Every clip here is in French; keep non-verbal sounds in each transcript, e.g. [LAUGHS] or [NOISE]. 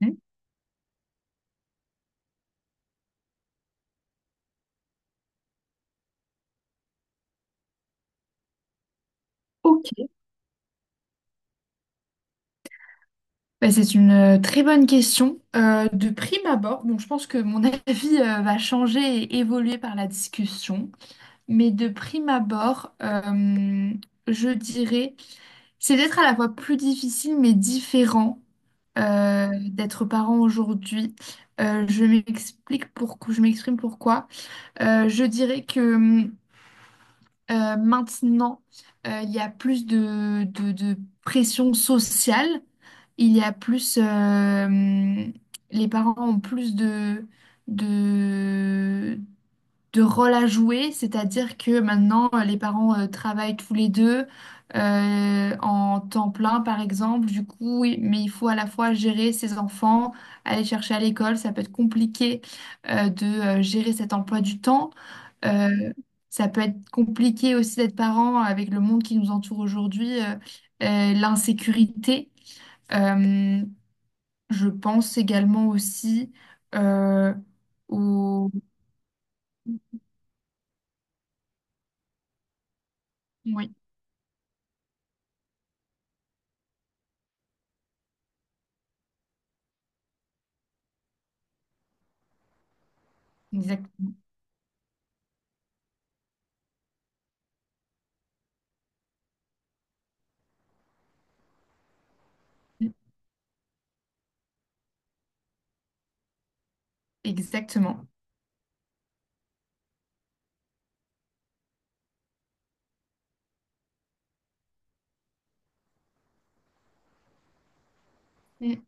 Hmm. Ok. C'est une très bonne question. De prime abord, bon, je pense que mon [LAUGHS] avis va changer et évoluer par la discussion, mais de prime abord, je dirais, c'est peut-être à la fois plus difficile mais différent d'être parent aujourd'hui. Je m'explique pourquoi, je m'exprime pourquoi. Je dirais que maintenant, il y a plus de pression sociale. Il y a plus, les parents ont plus de, de rôle à jouer. C'est-à-dire que maintenant, les parents travaillent tous les deux en temps plein, par exemple. Du coup, oui, mais il faut à la fois gérer ses enfants, aller chercher à l'école. Ça peut être compliqué de gérer cet emploi du temps. Euh, ça peut être compliqué aussi d'être parent avec le monde qui nous entoure aujourd'hui, l'insécurité. Euh, je pense également aussi euh, au... Oui, exactement. Exactement. Mm.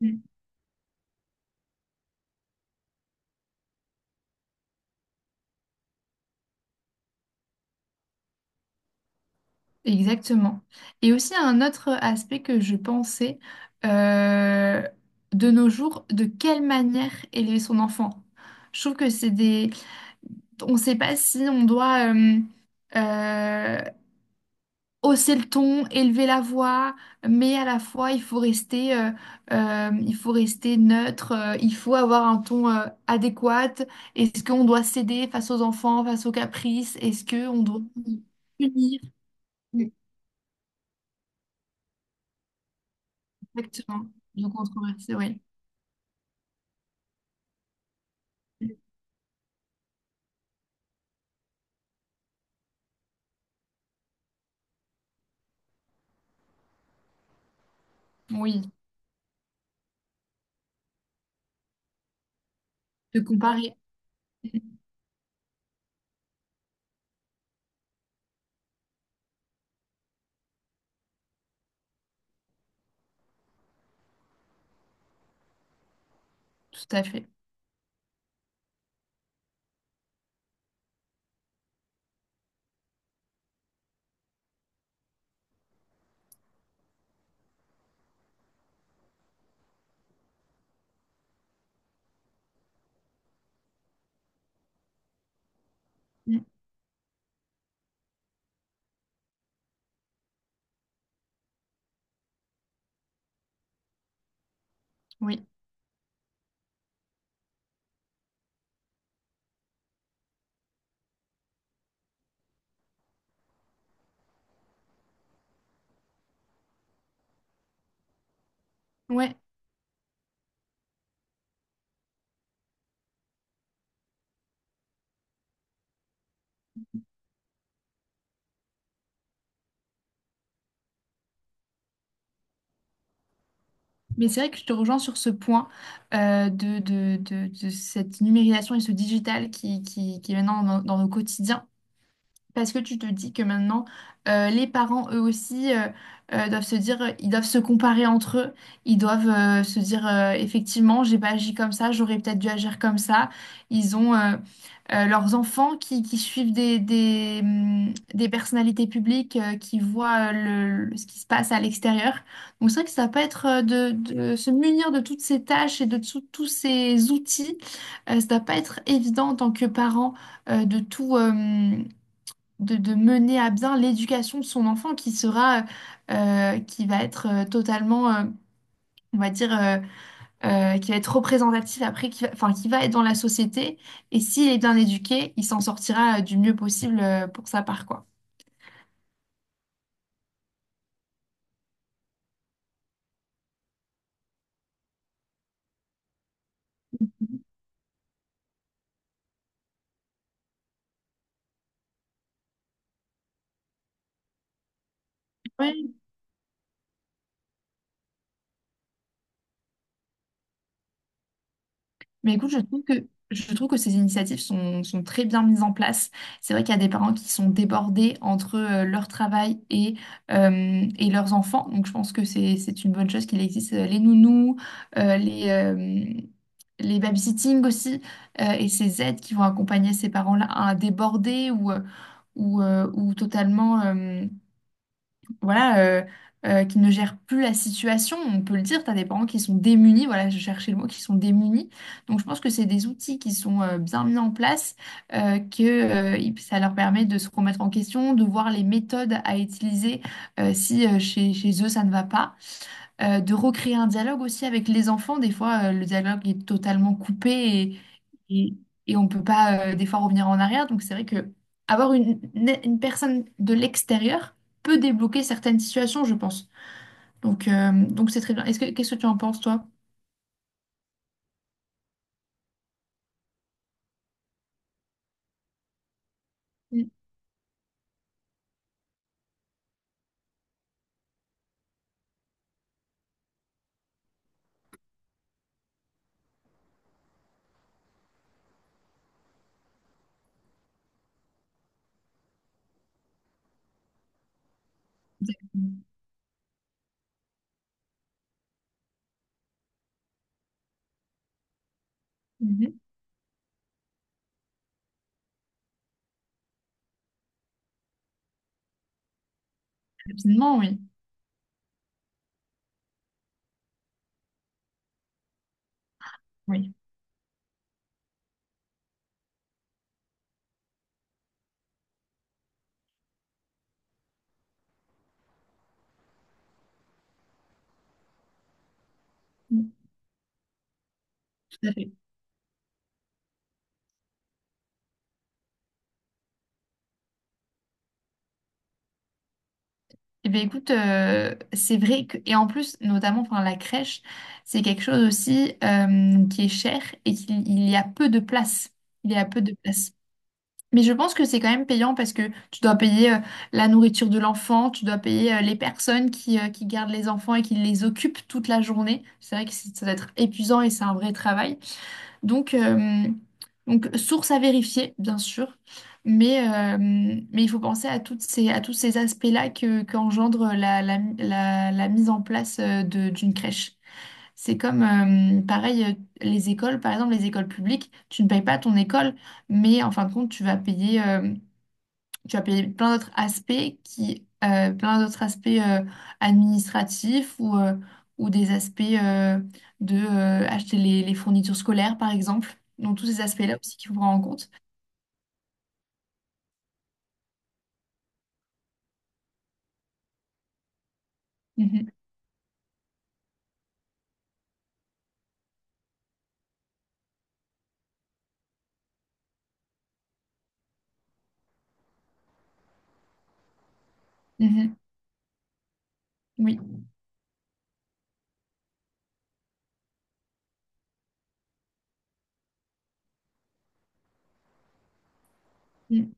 Mm. Exactement. Et aussi un autre aspect que je pensais, euh, de nos jours, de quelle manière élever son enfant? Je trouve que on ne sait pas si on doit... euh, hausser le ton, élever la voix, mais à la fois il faut rester, il faut rester neutre, il faut avoir un ton adéquat. Est-ce qu'on doit céder face aux enfants, face aux caprices? Est-ce qu'on doit punir? Oui. Exactement. Donc controversé, oui. Oui. De comparer. Tout à fait. Mm. Oui. Ouais. Mais c'est vrai que je te rejoins sur ce point de cette numérisation et ce digital qui est maintenant dans dans nos quotidiens. Parce que tu te dis que maintenant, les parents, eux aussi, doivent se dire, ils doivent se comparer entre eux. Ils doivent se dire, effectivement, j'ai pas agi comme ça, j'aurais peut-être dû agir comme ça. Ils ont leurs enfants qui suivent des des personnalités publiques, qui voient ce qui se passe à l'extérieur. Donc c'est vrai que ça peut être de se munir de toutes ces tâches et de tous ces outils. Ça doit pas être évident en tant que parent euh, de tout. euh, de mener à bien l'éducation de son enfant qui qui va être on va dire, qui va être représentatif après, qui va être dans la société. Et s'il est bien éduqué, il s'en sortira du mieux possible pour sa part, quoi. Mais écoute, je trouve que ces initiatives sont très bien mises en place. C'est vrai qu'il y a des parents qui sont débordés entre leur travail et leurs enfants. Donc je pense que c'est une bonne chose qu'il existe les nounous, euh, les, euh, les babysitting aussi, et ces aides qui vont accompagner ces parents-là à déborder ou totalement... voilà, qui ne gèrent plus la situation. On peut le dire, tu as des parents qui sont démunis, voilà, je cherchais le mot, qui sont démunis. Donc je pense que c'est des outils qui sont bien mis en place, ça leur permet de se remettre en question, de voir les méthodes à utiliser si chez eux ça ne va pas de recréer un dialogue aussi avec les enfants. Des fois, le dialogue est totalement coupé et, et on ne peut pas, des fois, revenir en arrière. Donc, c'est vrai que avoir une une personne de l'extérieur peut débloquer certaines situations, je pense. Donc c'est très bien. Qu'est-ce que tu en penses, toi? Mhm. Mhm. Absolument, oui. Oui. Mm, tout à fait. Eh bien, écoute, c'est vrai que, et en plus, notamment, enfin, la crèche, c'est quelque chose aussi qui est cher et qu'il il y a peu de place. Il y a peu de place. Mais je pense que c'est quand même payant parce que tu dois payer la nourriture de l'enfant, tu dois payer les personnes qui gardent les enfants et qui les occupent toute la journée. C'est vrai que ça doit être épuisant et c'est un vrai travail. Donc, euh, donc source à vérifier, bien sûr, mais il faut penser à, à tous ces aspects-là que, qu'engendre la mise en place d'une crèche. C'est comme, pareil, les écoles, par exemple, les écoles publiques, tu ne payes pas ton école, mais en fin de compte, tu vas payer plein d'autres aspects qui, plein d'autres aspects administratifs ou des aspects de acheter les fournitures scolaires, par exemple. Donc, tous ces aspects-là aussi qu'il faut prendre en compte. Mhm. Mhm. Oui. Mmh.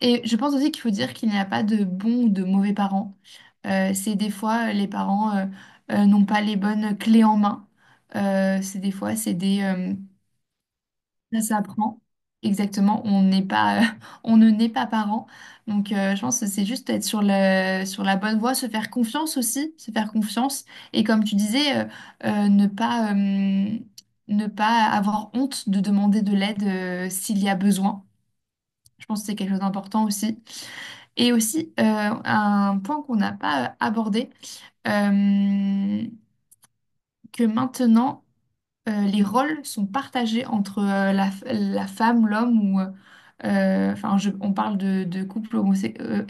Et je pense aussi qu'il faut dire qu'il n'y a pas de bons ou de mauvais parents. C'est des fois les parents n'ont pas les bonnes clés en main. C'est des fois c'est des ça s'apprend. Exactement, on n'est pas [LAUGHS] on ne naît pas parent. Je pense que c'est juste être sur le sur la bonne voie, se faire confiance aussi, se faire confiance et comme tu disais euh, ne pas euh, ne pas avoir honte de demander de l'aide s'il y a besoin. Je pense que c'est quelque chose d'important aussi. Et aussi, un point qu'on n'a pas abordé, euh, que maintenant, les rôles sont partagés entre la femme, l'homme. On parle de couple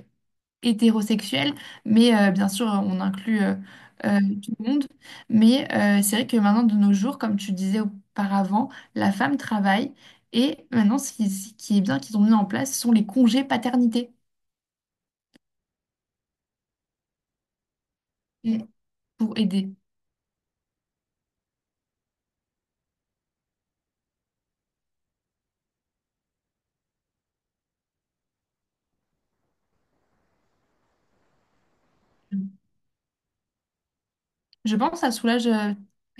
hétérosexuel, mais bien sûr, on inclut tout le monde. Mais c'est vrai que maintenant, de nos jours, comme tu disais auparavant, la femme travaille. Et maintenant, ce qui est bien qu'ils ont mis en place, ce sont les congés paternité. et- pour aider. Mm. Je pense que ça soulage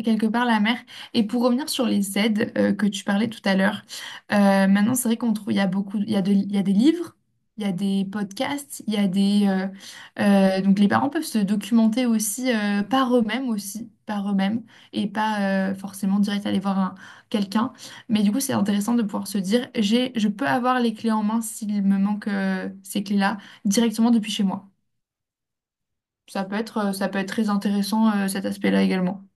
quelque part la mère. Et pour revenir sur les aides que tu parlais tout à l'heure, maintenant c'est vrai qu'on trouve, il y a beaucoup, il y a des livres, il y a des podcasts, il y a des, donc les parents peuvent se documenter aussi par eux-mêmes aussi, par eux-mêmes et pas forcément direct aller voir quelqu'un. Mais du coup c'est intéressant de pouvoir se dire j'ai, je peux avoir les clés en main s'il me manque ces clés-là directement depuis chez moi. Ça peut être très intéressant, cet aspect-là également.